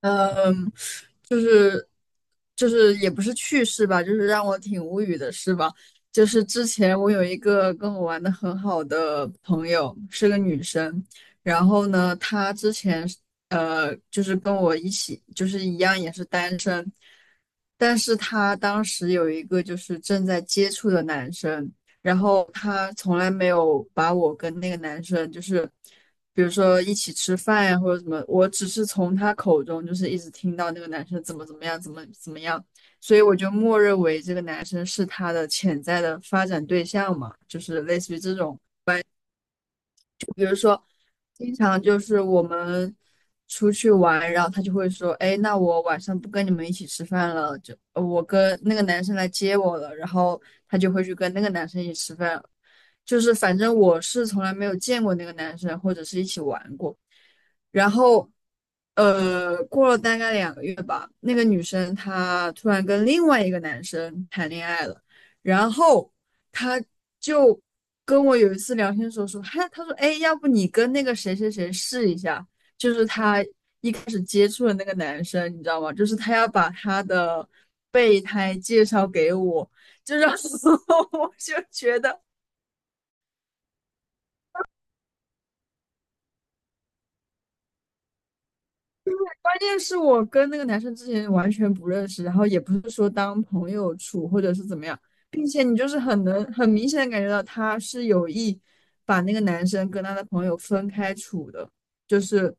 嗯，就是就是也不是趣事吧，就是让我挺无语的事吧。就是之前我有一个跟我玩的很好的朋友，是个女生，然后呢，她之前是就是跟我一起，就是一样也是单身，但是他当时有一个就是正在接触的男生，然后他从来没有把我跟那个男生就是，比如说一起吃饭呀或者什么，我只是从他口中就是一直听到那个男生怎么怎么样，怎么怎么样，所以我就默认为这个男生是他的潜在的发展对象嘛，就是类似于这种。经常就是我们出去玩，然后他就会说："哎，那我晚上不跟你们一起吃饭了，就我跟那个男生来接我了。"然后他就会去跟那个男生一起吃饭。就是反正我是从来没有见过那个男生，或者是一起玩过。然后，过了大概2个月吧，那个女生她突然跟另外一个男生谈恋爱了，然后她就跟我有一次聊天的时候说，嗨，她说，哎，要不你跟那个谁谁谁试一下，就是他一开始接触的那个男生，你知道吗？就是他要把他的备胎介绍给我，就让 我就觉得关键是我跟那个男生之前完全不认识，然后也不是说当朋友处或者是怎么样，并且你就是很能很明显的感觉到他是有意把那个男生跟他的朋友分开处的，就是，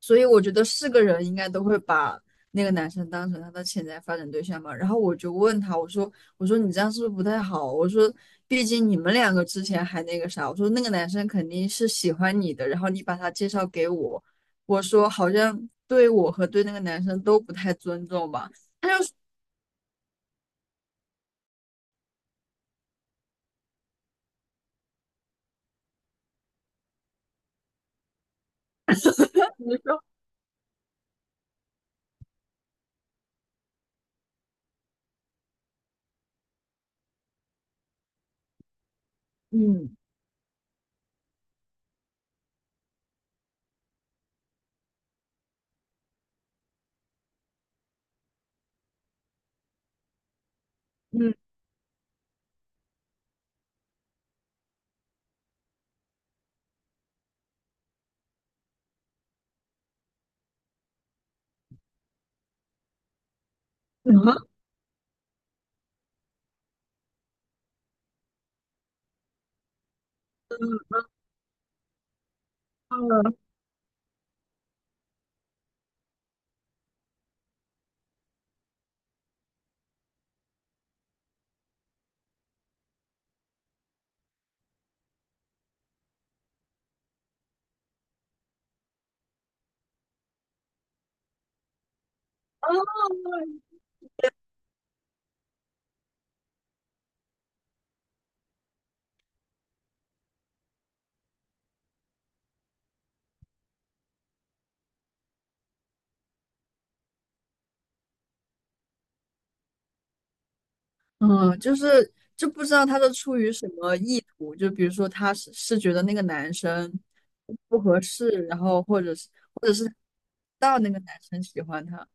所以我觉得是个人应该都会把那个男生当成他的潜在发展对象嘛。然后我就问他，我说你这样是不是不太好？我说毕竟你们两个之前还那个啥，我说那个男生肯定是喜欢你的，然后你把他介绍给我。我说好像对我和对那个男生都不太尊重吧。他就说，你说，嗯，嗯嗯，就是就不知道他是出于什么意图，就比如说他是觉得那个男生不合适，然后或者是或者是到那个男生喜欢他，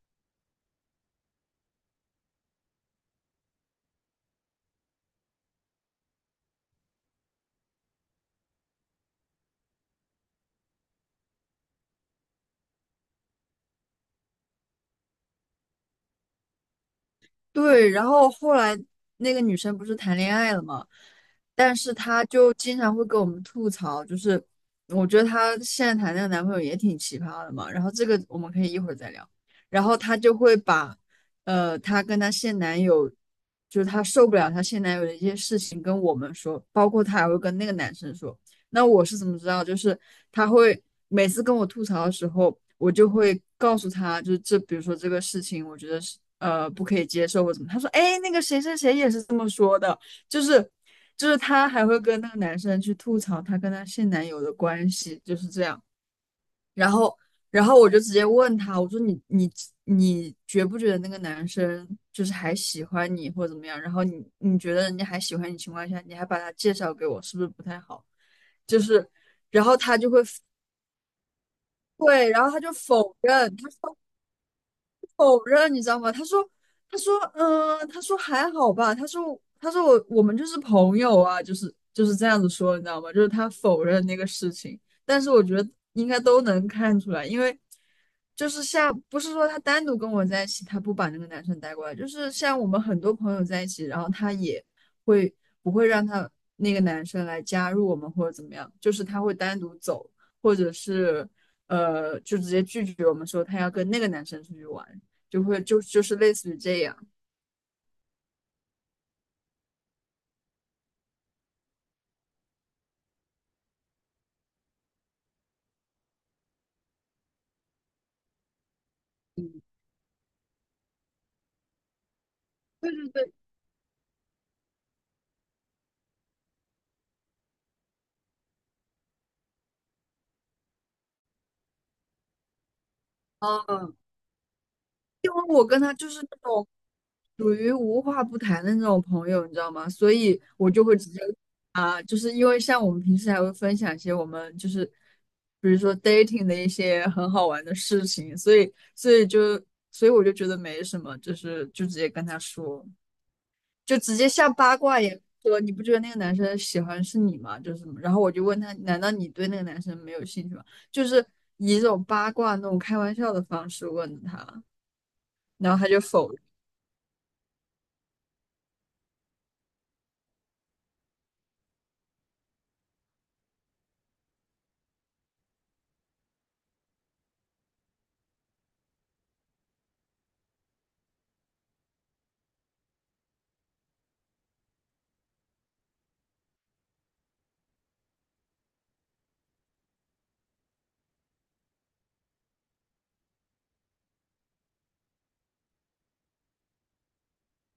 对，然后后来那个女生不是谈恋爱了嘛，但是她就经常会跟我们吐槽，就是我觉得她现在谈那个男朋友也挺奇葩的嘛。然后这个我们可以一会儿再聊。然后她就会把，她跟她现男友，就是她受不了她现男友的一些事情跟我们说，包括她还会跟那个男生说。那我是怎么知道？就是他会每次跟我吐槽的时候，我就会告诉他，就是这，比如说这个事情，我觉得是不可以接受或怎么。他说，哎，那个谁谁谁也是这么说的，就是就是他还会跟那个男生去吐槽他跟他现男友的关系，就是这样。然后，然后我就直接问他，我说你觉不觉得那个男生就是还喜欢你或者怎么样？然后你觉得人家还喜欢你情况下，你还把他介绍给我，是不是不太好？就是，然后他就会对，然后他就否认，他否认，你知道吗？他说，他说，他说还好吧。他说，他说我们就是朋友啊，就是这样子说，你知道吗？就是他否认那个事情，但是我觉得应该都能看出来，因为就是像不是说他单独跟我在一起，他不把那个男生带过来，就是像我们很多朋友在一起，然后他也会不会让他那个男生来加入我们或者怎么样，就是他会单独走，或者是。就直接拒绝我们说他要跟那个男生出去玩。就会就就是类似于这样。嗯对对对，嗯，因为我跟他就是那种属于无话不谈的那种朋友，你知道吗？所以我就会直接啊，就是因为像我们平时还会分享一些我们就是比如说 dating 的一些很好玩的事情，所以我就觉得没什么，就是就直接跟他说。就直接像八卦一样说，你不觉得那个男生喜欢是你吗？就是什么，然后我就问他，难道你对那个男生没有兴趣吗？就是以一种八卦那种开玩笑的方式问的他，然后他就否认。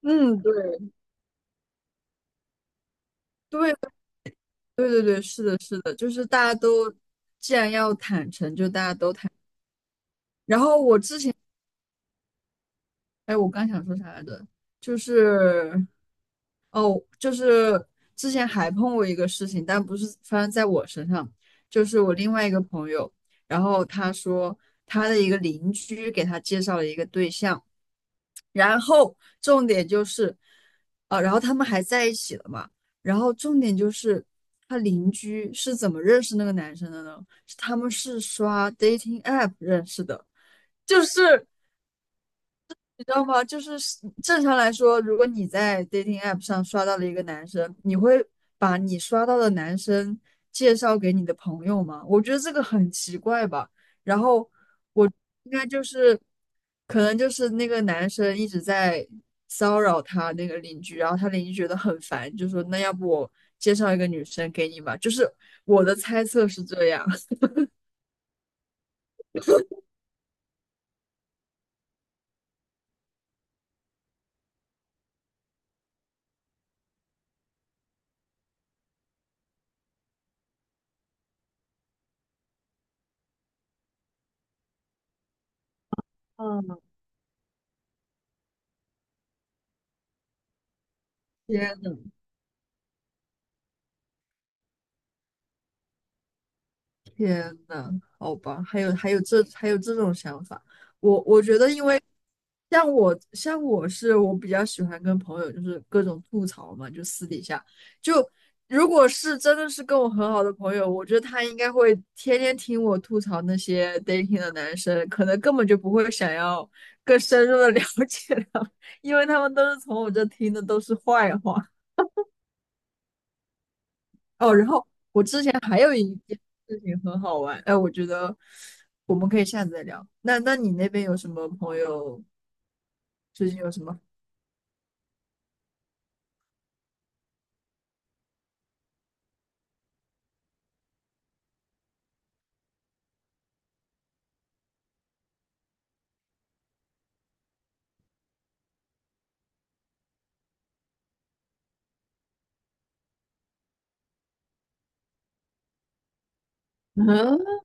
嗯，对，对，对，对，对，是的，是的，就是大家都既然要坦诚，就大家都坦。然后我之前，哎，我刚想说啥来着？就是哦，就是之前还碰过一个事情，但不是发生在我身上，就是我另外一个朋友，然后他说他的一个邻居给他介绍了一个对象，然后重点就是，然后他们还在一起了嘛，然后重点就是他邻居是怎么认识那个男生的呢？是他们是刷 dating app 认识的，就是。你知道吗？就是正常来说，如果你在 dating app 上刷到了一个男生，你会把你刷到的男生介绍给你的朋友吗？我觉得这个很奇怪吧。然后我应该就是，可能就是那个男生一直在骚扰他那个邻居，然后他邻居觉得很烦，就说那要不我介绍一个女生给你吧。就是我的猜测是这样。嗯，天天呐，好吧，还有这种想法，我觉得，因为像我是我比较喜欢跟朋友就是各种吐槽嘛，就私底下就如果是真的是跟我很好的朋友，我觉得他应该会天天听我吐槽那些 dating 的男生，可能根本就不会想要更深入的 了解他们因为他们都是从我这听的都是坏话。哦，然后我之前还有一件事情很好玩，哎，我觉得我们可以下次再聊。那那你那边有什么朋友最近有什么？嗯，